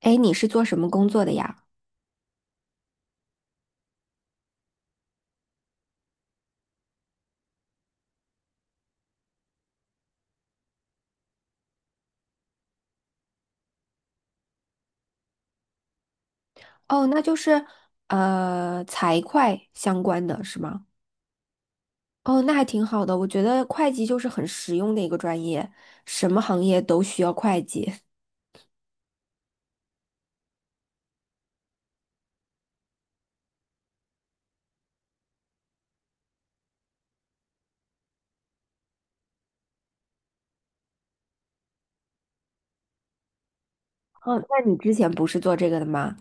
哎，你是做什么工作的呀？哦，那就是财会相关的是吗？哦，那还挺好的，我觉得会计就是很实用的一个专业，什么行业都需要会计。哦，那你之前不是做这个的吗？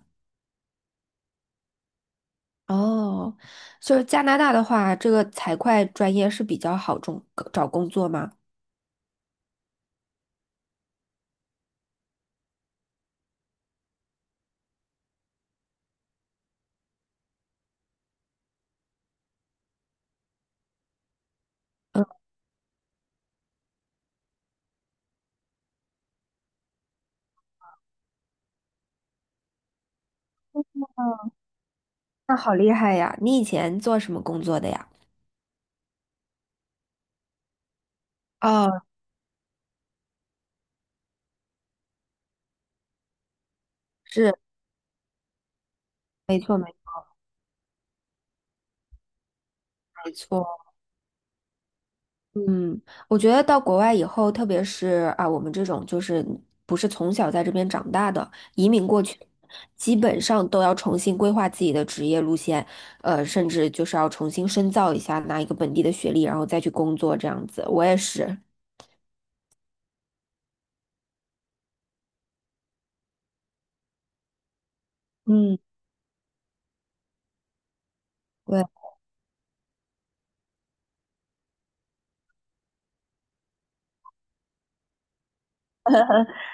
哦，就是加拿大的话，这个财会专业是比较好中找工作吗？那好厉害呀！你以前做什么工作的呀？哦，是，没错，没错。嗯，我觉得到国外以后，特别是啊，我们这种就是不是从小在这边长大的，移民过去，基本上都要重新规划自己的职业路线，甚至就是要重新深造一下，拿一个本地的学历，然后再去工作这样子。我也是。嗯。对，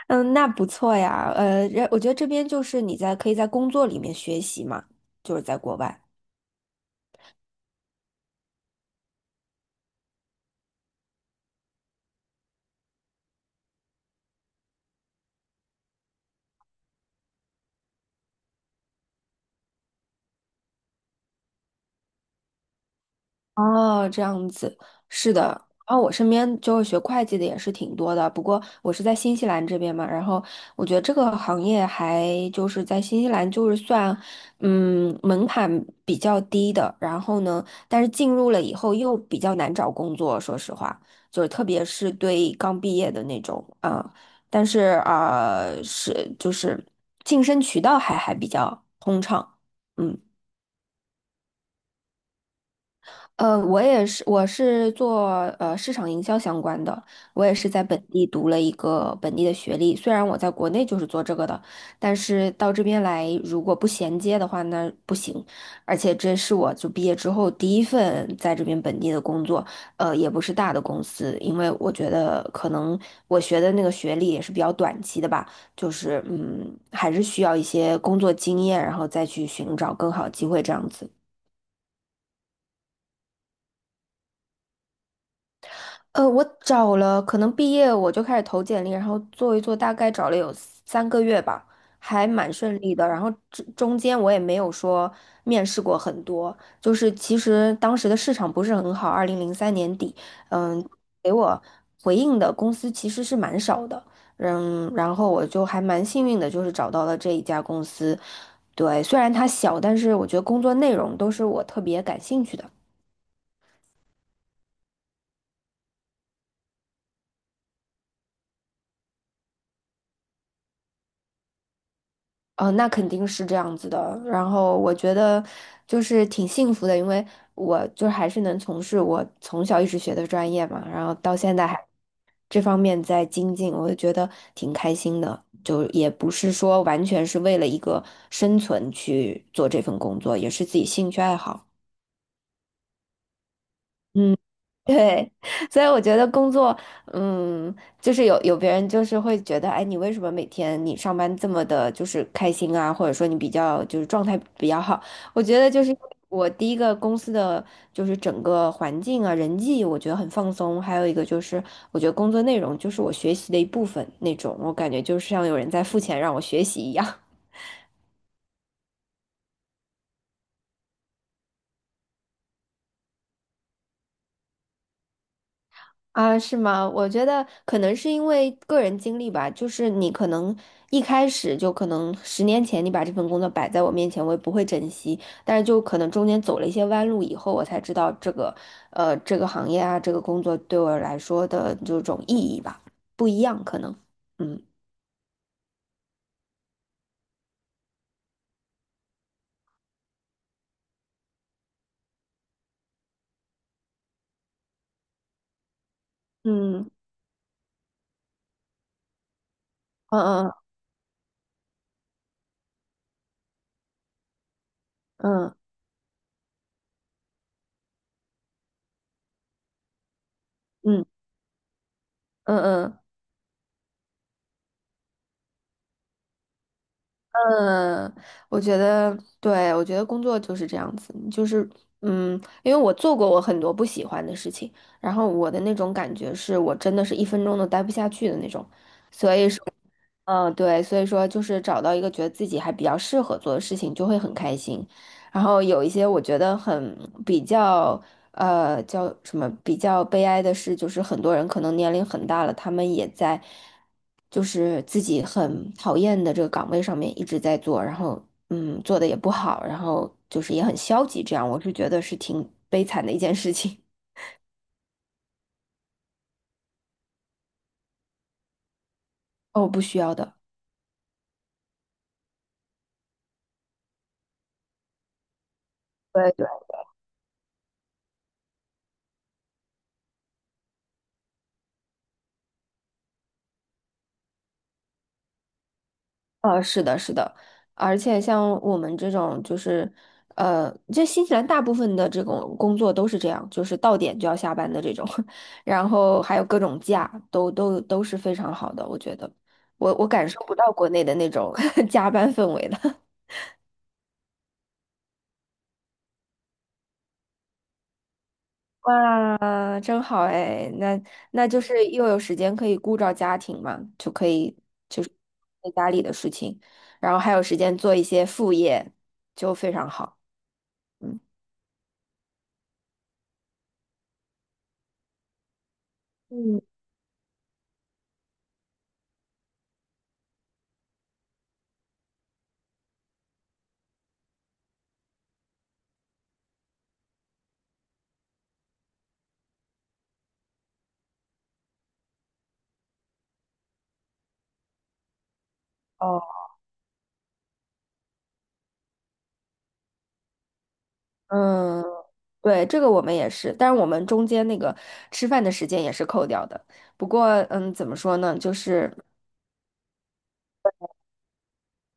嗯，那不错呀，我觉得这边就是你在可以在工作里面学习嘛，就是在国外。哦，这样子，是的。然后我身边就是学会计的也是挺多的，不过我是在新西兰这边嘛，然后我觉得这个行业还就是在新西兰就是算，门槛比较低的。然后呢，但是进入了以后又比较难找工作，说实话，就是特别是对刚毕业的那种啊，但是啊，是就是晋升渠道还比较通畅。嗯。我也是，我是做市场营销相关的，我也是在本地读了一个本地的学历。虽然我在国内就是做这个的，但是到这边来如果不衔接的话，那不行。而且这是我就毕业之后第一份在这边本地的工作，也不是大的公司，因为我觉得可能我学的那个学历也是比较短期的吧，就是还是需要一些工作经验，然后再去寻找更好的机会这样子。我找了，可能毕业我就开始投简历，然后做一做，大概找了有3个月吧，还蛮顺利的。然后这中间我也没有说面试过很多，就是其实当时的市场不是很好，2003年底，嗯，给我回应的公司其实是蛮少的，嗯，然后我就还蛮幸运的，就是找到了这一家公司。对，虽然它小，但是我觉得工作内容都是我特别感兴趣的。哦，那肯定是这样子的。然后我觉得就是挺幸福的，因为我就还是能从事我从小一直学的专业嘛，然后到现在还这方面在精进，我就觉得挺开心的。就也不是说完全是为了一个生存去做这份工作，也是自己兴趣爱好。嗯。对，所以我觉得工作，嗯，就是有别人就是会觉得，哎，你为什么每天你上班这么的，就是开心啊，或者说你比较就是状态比较好？我觉得就是我第一个公司的就是整个环境啊，人际我觉得很放松，还有一个就是我觉得工作内容就是我学习的一部分那种，我感觉就像有人在付钱让我学习一样。啊，是吗？我觉得可能是因为个人经历吧，就是你可能一开始就可能10年前你把这份工作摆在我面前，我也不会珍惜，但是就可能中间走了一些弯路以后，我才知道这个，这个行业啊，这个工作对我来说的这种意义吧，不一样可能。嗯嗯嗯嗯嗯嗯嗯嗯。嗯嗯，我觉得，对，我觉得工作就是这样子，就是，嗯，因为我做过我很多不喜欢的事情，然后我的那种感觉是我真的是1分钟都待不下去的那种，所以说。嗯，对，所以说就是找到一个觉得自己还比较适合做的事情，就会很开心。然后有一些我觉得很比较，叫什么比较悲哀的事，就是很多人可能年龄很大了，他们也在就是自己很讨厌的这个岗位上面一直在做，然后做的也不好，然后就是也很消极，这样我是觉得是挺悲惨的一件事情。哦，不需要的。对对。是的，是的，而且像我们这种，就是，这新西兰大部分的这种工作都是这样，就是到点就要下班的这种，然后还有各种假，都是非常好的，我觉得，我感受不到国内的那种 加班氛围了。哇，真好哎，那就是又有时间可以顾照家庭嘛，就可以就是做家里的事情，然后还有时间做一些副业，就非常好。嗯。嗯。哦。嗯，对，这个我们也是，但是我们中间那个吃饭的时间也是扣掉的。不过，怎么说呢，就是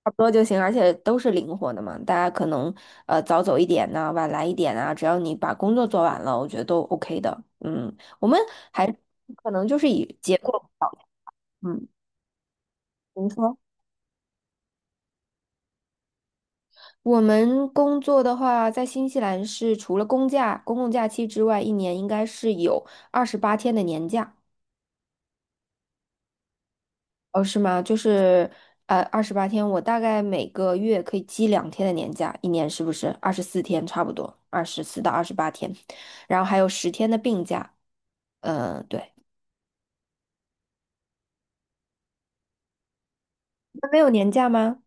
差不多就行，而且都是灵活的嘛。大家可能早走一点呐、晚来一点啊，只要你把工作做完了，我觉得都 OK 的。嗯，我们还可能就是以结果导向您说。我们工作的话，在新西兰是除了公假、公共假期之外，一年应该是有二十八天的年假。哦，是吗？就是二十八天，我大概每个月可以积2天的年假，一年是不是24天差不多？24到28天，然后还有10天的病假。嗯、对，你们没有年假吗？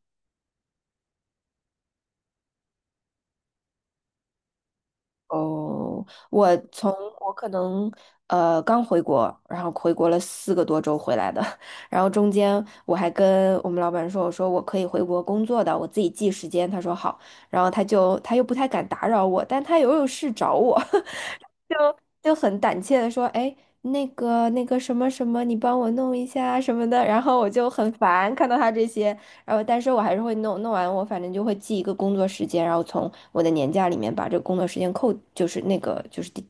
哦，我可能刚回国，然后回国了4个多周回来的，然后中间我还跟我们老板说，我说我可以回国工作的，我自己记时间，他说好，然后他又不太敢打扰我，但他又有事找我。就很胆怯的说，哎，那个什么什么，你帮我弄一下什么的，然后我就很烦看到他这些，然后但是我还是会弄，弄完我反正就会记一个工作时间，然后从我的年假里面把这个工作时间扣，就是那个就是第，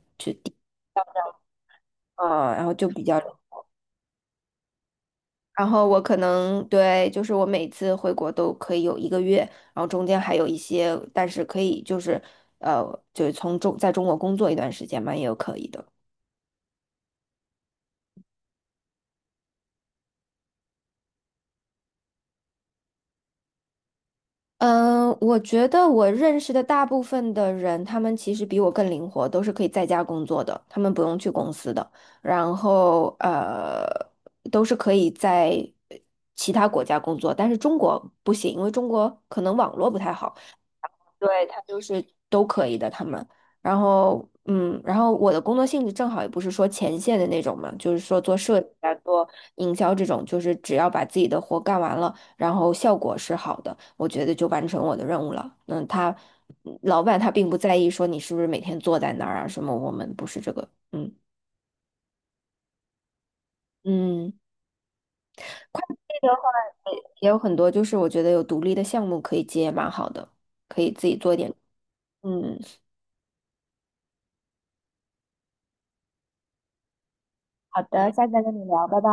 然后就比较，然后我可能对，就是我每次回国都可以有1个月，然后中间还有一些，但是可以就是呃，就是从中在中国工作一段时间嘛，也有可以的。嗯，我觉得我认识的大部分的人，他们其实比我更灵活，都是可以在家工作的，他们不用去公司的，然后都是可以在其他国家工作，但是中国不行，因为中国可能网络不太好。对，可以的，他们。然后，然后我的工作性质正好也不是说前线的那种嘛，就是说做设计啊、做营销这种，就是只要把自己的活干完了，然后效果是好的，我觉得就完成我的任务了。嗯，他老板他并不在意说你是不是每天坐在那儿啊什么，我们不是这个，嗯嗯，这个话也有很多，就是我觉得有独立的项目可以接，蛮好的，可以自己做一点。嗯，好的，下次再跟你聊，拜拜。